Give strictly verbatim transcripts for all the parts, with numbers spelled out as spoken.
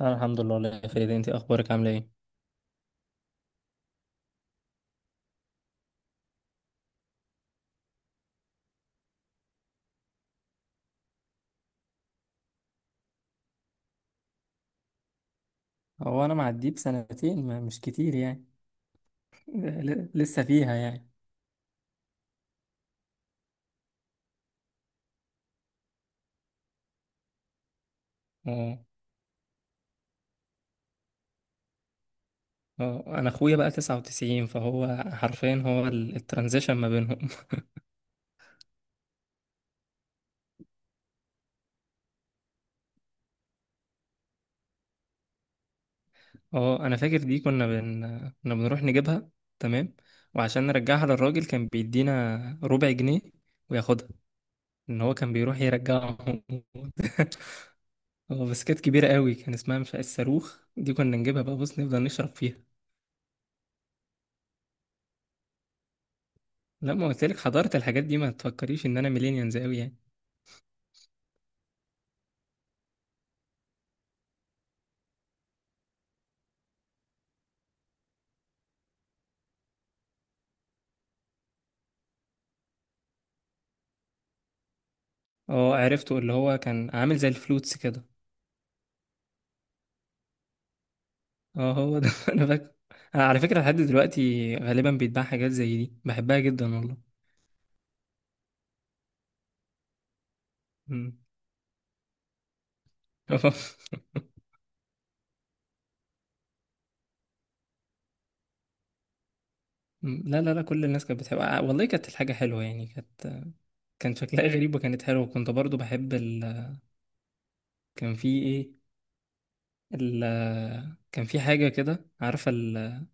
أنا الحمد لله، والله يا فريدة، أنت أخبارك عاملة إيه؟ هو انا معديه بسنتين، ما مش كتير يعني. ل- لسه فيها يعني. أه. أه، أنا أخويا بقى تسعة وتسعين، فهو حرفيا هو ال- الترانزيشن ما بينهم. أه أنا فاكر دي، كنا بن كنا بنروح نجيبها. تمام. وعشان نرجعها للراجل كان بيدينا ربع جنيه وياخدها، إن هو كان بيروح يرجعهم. هو بس كانت كبيرة قوي، كان اسمها مش عارف، الصاروخ دي كنا نجيبها بقى، بص نفضل نشرب فيها. لا، ما قلت لك حضرت الحاجات دي، ما تفكريش ان انا ميلينيانز قوي يعني. اه عرفته، اللي هو كان عامل زي الفلوتس كده. اه هو ده. انا فاكر. أنا على فكرة لحد دلوقتي غالبا بيتباع حاجات زي دي، بحبها جدا والله. مم. مم. لا لا لا، كل الناس كانت بتحبها، آه، والله كانت الحاجة حلوة يعني، كانت، كان شكلها غريب وكانت حلوة، وكنت برضو بحب ال... كان في ايه ال... كان في حاجة كده، عارفة ال...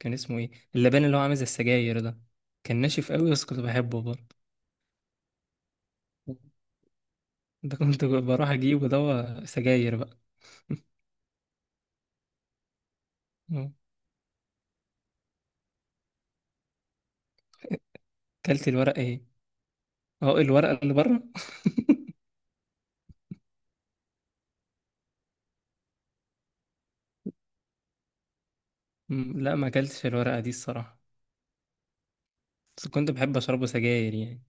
كان اسمه ايه، اللبان اللي هو عامل زي السجاير ده، كان ناشف قوي بس كنت بحبه برضه. ده كنت بروح اجيب ودوا سجاير بقى. مم. اكلت الورقة ايه؟ اه الورقة اللي بره. مم، لا ما اكلتش الورقة دي الصراحة. بس كنت بحب اشربه سجاير يعني.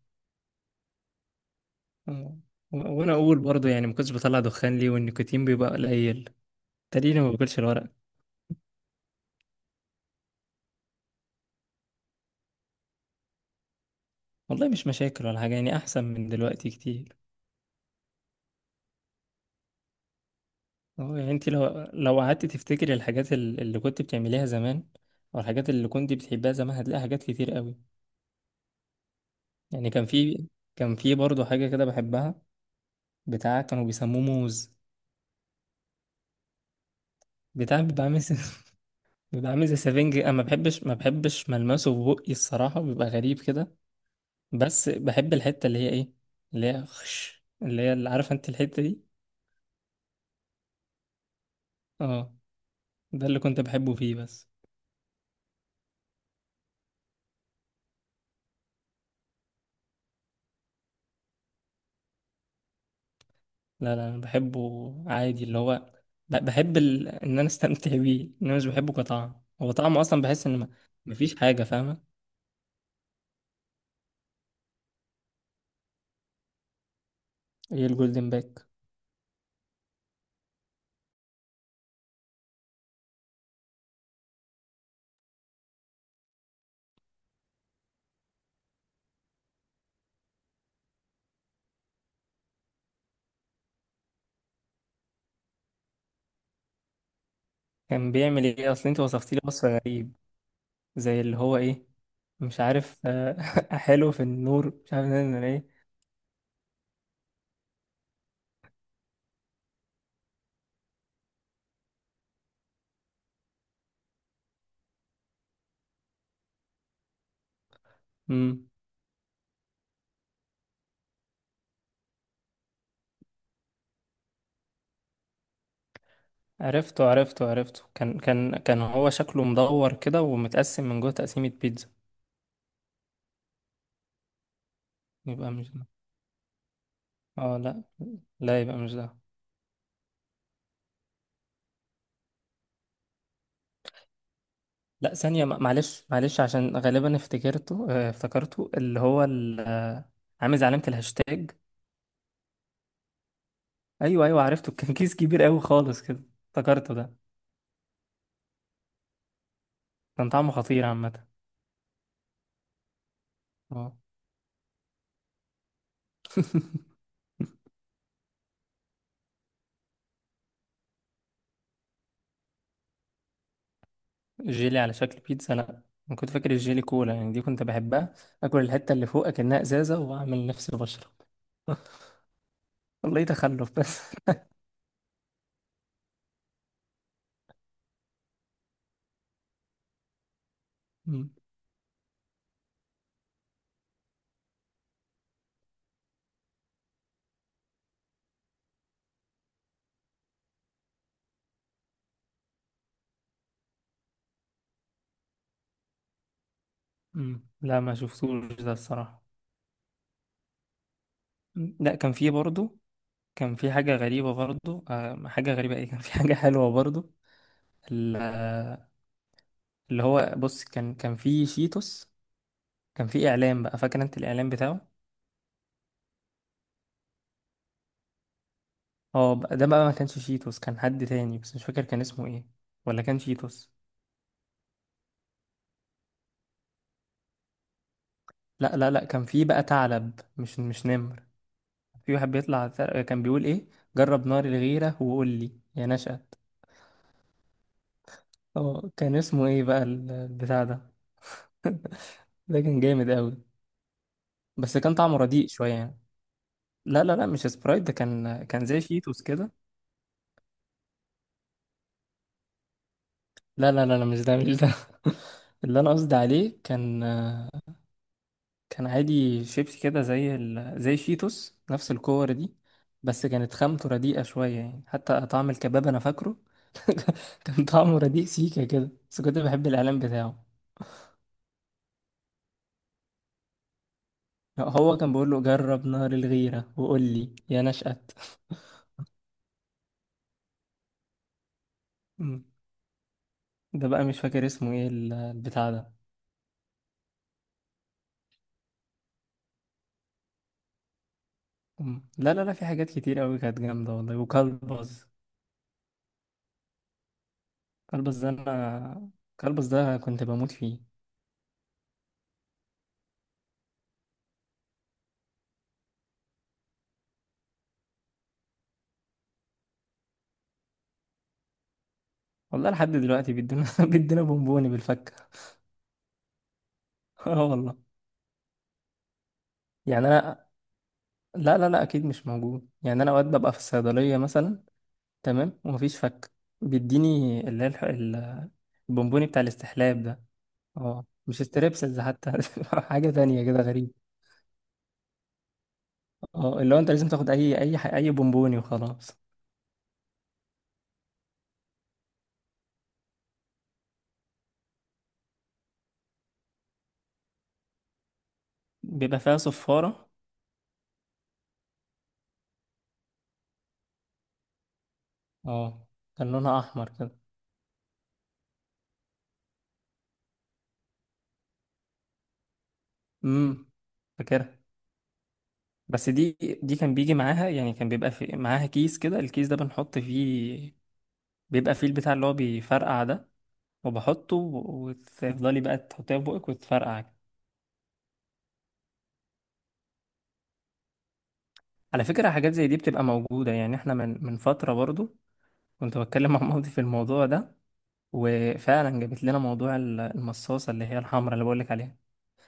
آه. و- وانا اقول برضه يعني، ما كنتش بطلع دخان ليه، والنيكوتين بيبقى قليل، تقريبا ما باكلش الورقة. والله مش مشاكل ولا حاجة يعني، احسن من دلوقتي كتير. اه يعني انت لو لو قعدت تفتكري الحاجات ال- اللي كنت بتعمليها زمان، او الحاجات اللي كنت بتحبها زمان، هتلاقي حاجات كتير قوي. يعني كان في، كان في برضه حاجة كده بحبها، بتاع كانوا بيسموه موز. بتاع بيبقى عامل زي- بيبقى عامل زي سفنج، انا ما بحبش ما بحبش ملمسه في بقي الصراحه، بيبقى غريب كده. بس بحب الحته اللي هي ايه، اللي هي خش، اللي هي اللي عارفه انت الحته دي. اه ده اللي كنت بحبه فيه بس. لا لا، انا بحبه عادي، اللي هو ب- بحب ال... ان انا استمتع بيه، ان انا مش بحبه كطعم، هو طعمه اصلا بحس ان ما... مفيش حاجه فاهمه. ايه الجولدن باك؟ كان بيعمل ايه؟ اصل انت وصفتي لي وصف غريب، زي اللي هو ايه. مش عارف، آه، حلو في النور، مش عارف ايه. امم عرفته عرفته عرفته، كان كان كان هو شكله مدور كده ومتقسم من جوه تقسيمة بيتزا. يبقى مش ده. اه لا لا، يبقى مش ده. لا ثانية، ما- معلش معلش، عشان غالبا افتكرته، آه، افتكرته اللي هو ال- آه، عامل زي علامة الهاشتاج. ايوه ايوه عرفته، كان كيس كبير قوي خالص كده، افتكرته ده. كان طعمه خطير عامة. اه. جيلي على شكل بيتزا؟ لا، انا كنت فاكر الجيلي كولا يعني، دي كنت بحبها. اكل الحتة اللي فوق اكنها ازازة واعمل نفسي بشرب. والله تخلف بس. م- م. لا ما شفتوش ده الصراحة. م. لا كان في برضه، كان في حاجة غريبة برضه، آه حاجة غريبة ايه، كان في حاجة حلوة برضه، ال- آه، اللي هو بص كان كان في شيتوس. كان في اعلان بقى، فاكر انت الاعلان بتاعه؟ اه بقى- ده بقى ما كانش شيتوس، كان حد تاني بس مش فاكر كان اسمه ايه، ولا كان شيتوس. لا لا لا كان في بقى ثعلب، مش مش نمر. في واحد بيطلع ث- كان بيقول ايه، جرب نار الغيرة وقول لي يا نشأة. اه كان اسمه ايه بقى ال- البتاع ده. ده كان جامد قوي. بس كان طعمه رديء شويه يعني. لا لا لا مش سبرايت ده، كان كان زي شيتوس كده. لا لا لا لا مش ده مش ده. اللي انا قصدي عليه كان كان عادي شيبسي كده زي ال... زي شيتوس نفس الكور دي. بس كانت خامته رديئه شويه يعني، حتى طعم الكباب انا فاكره. كان طعمه رديء سيكا كده، بس كنت بحب الاعلان بتاعه. هو كان بيقول له جرب نار الغيره وقول لي يا نشأت. ده بقى مش فاكر اسمه ايه ال- البتاع ده. مم. لا لا لا، في حاجات كتير قوي كانت جامدة والله، وكلبز. كلبز ده انا، كلبز ده كنت بموت فيه. والله لحد دلوقتي بيدونا بيدونا بونبوني بالفكة. اه والله. يعني انا، لا لا لا اكيد مش موجود، يعني انا اوقات ببقى في الصيدلية مثلا، تمام، ومفيش فك، بيديني اللي هي الح- ال- البونبوني بتاع الاستحلاب ده. اه مش ستريبسلز حتى، حاجة تانية كده غريب. اه اللي هو انت لازم تاخد اي اي ح- اي بونبوني وخلاص. بيبقى فيها صفارة. اه كان لونها أحمر كده. امم فاكرها. بس دي دي كان بيجي معاها يعني، كان بيبقى في معاها كيس كده، الكيس ده بنحط فيه بيبقى فيه البتاع اللي هو بيفرقع ده، وبحطه و- وتفضلي بقى تحطيها في بقك وتفرقع. على فكرة حاجات زي دي بتبقى موجودة، يعني احنا من من فترة برضو كنت بتكلم مع مامتي في الموضوع ده، وفعلا جابت لنا موضوع ال- المصاصة اللي هي الحمراء اللي بقولك عليها.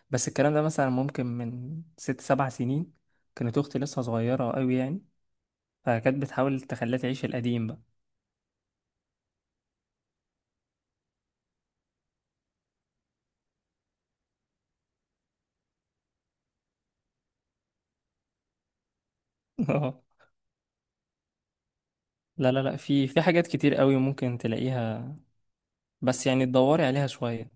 بس الكلام ده مثلا ممكن من ست سبع سنين، كانت أختي لسه صغيرة أوي يعني، فكانت بتحاول تخليها تعيش القديم بقى. اه لا لا لا، في في حاجات كتير قوي ممكن تلاقيها، بس يعني تدوري عليها شوية.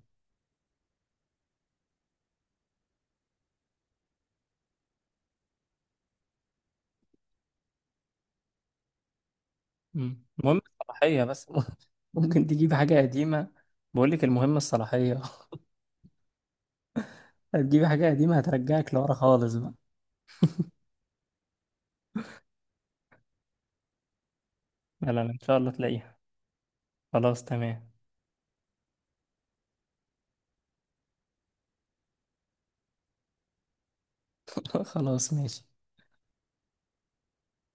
مم. المهم الصلاحية بس. ممكن تجيب حاجة قديمة. بقولك المهم الصلاحية. هتجيبي حاجة قديمة هترجعك لورا خالص بقى. لا لا لا، إن شاء الله تلاقيها. خلاص تمام. خلاص ماشي.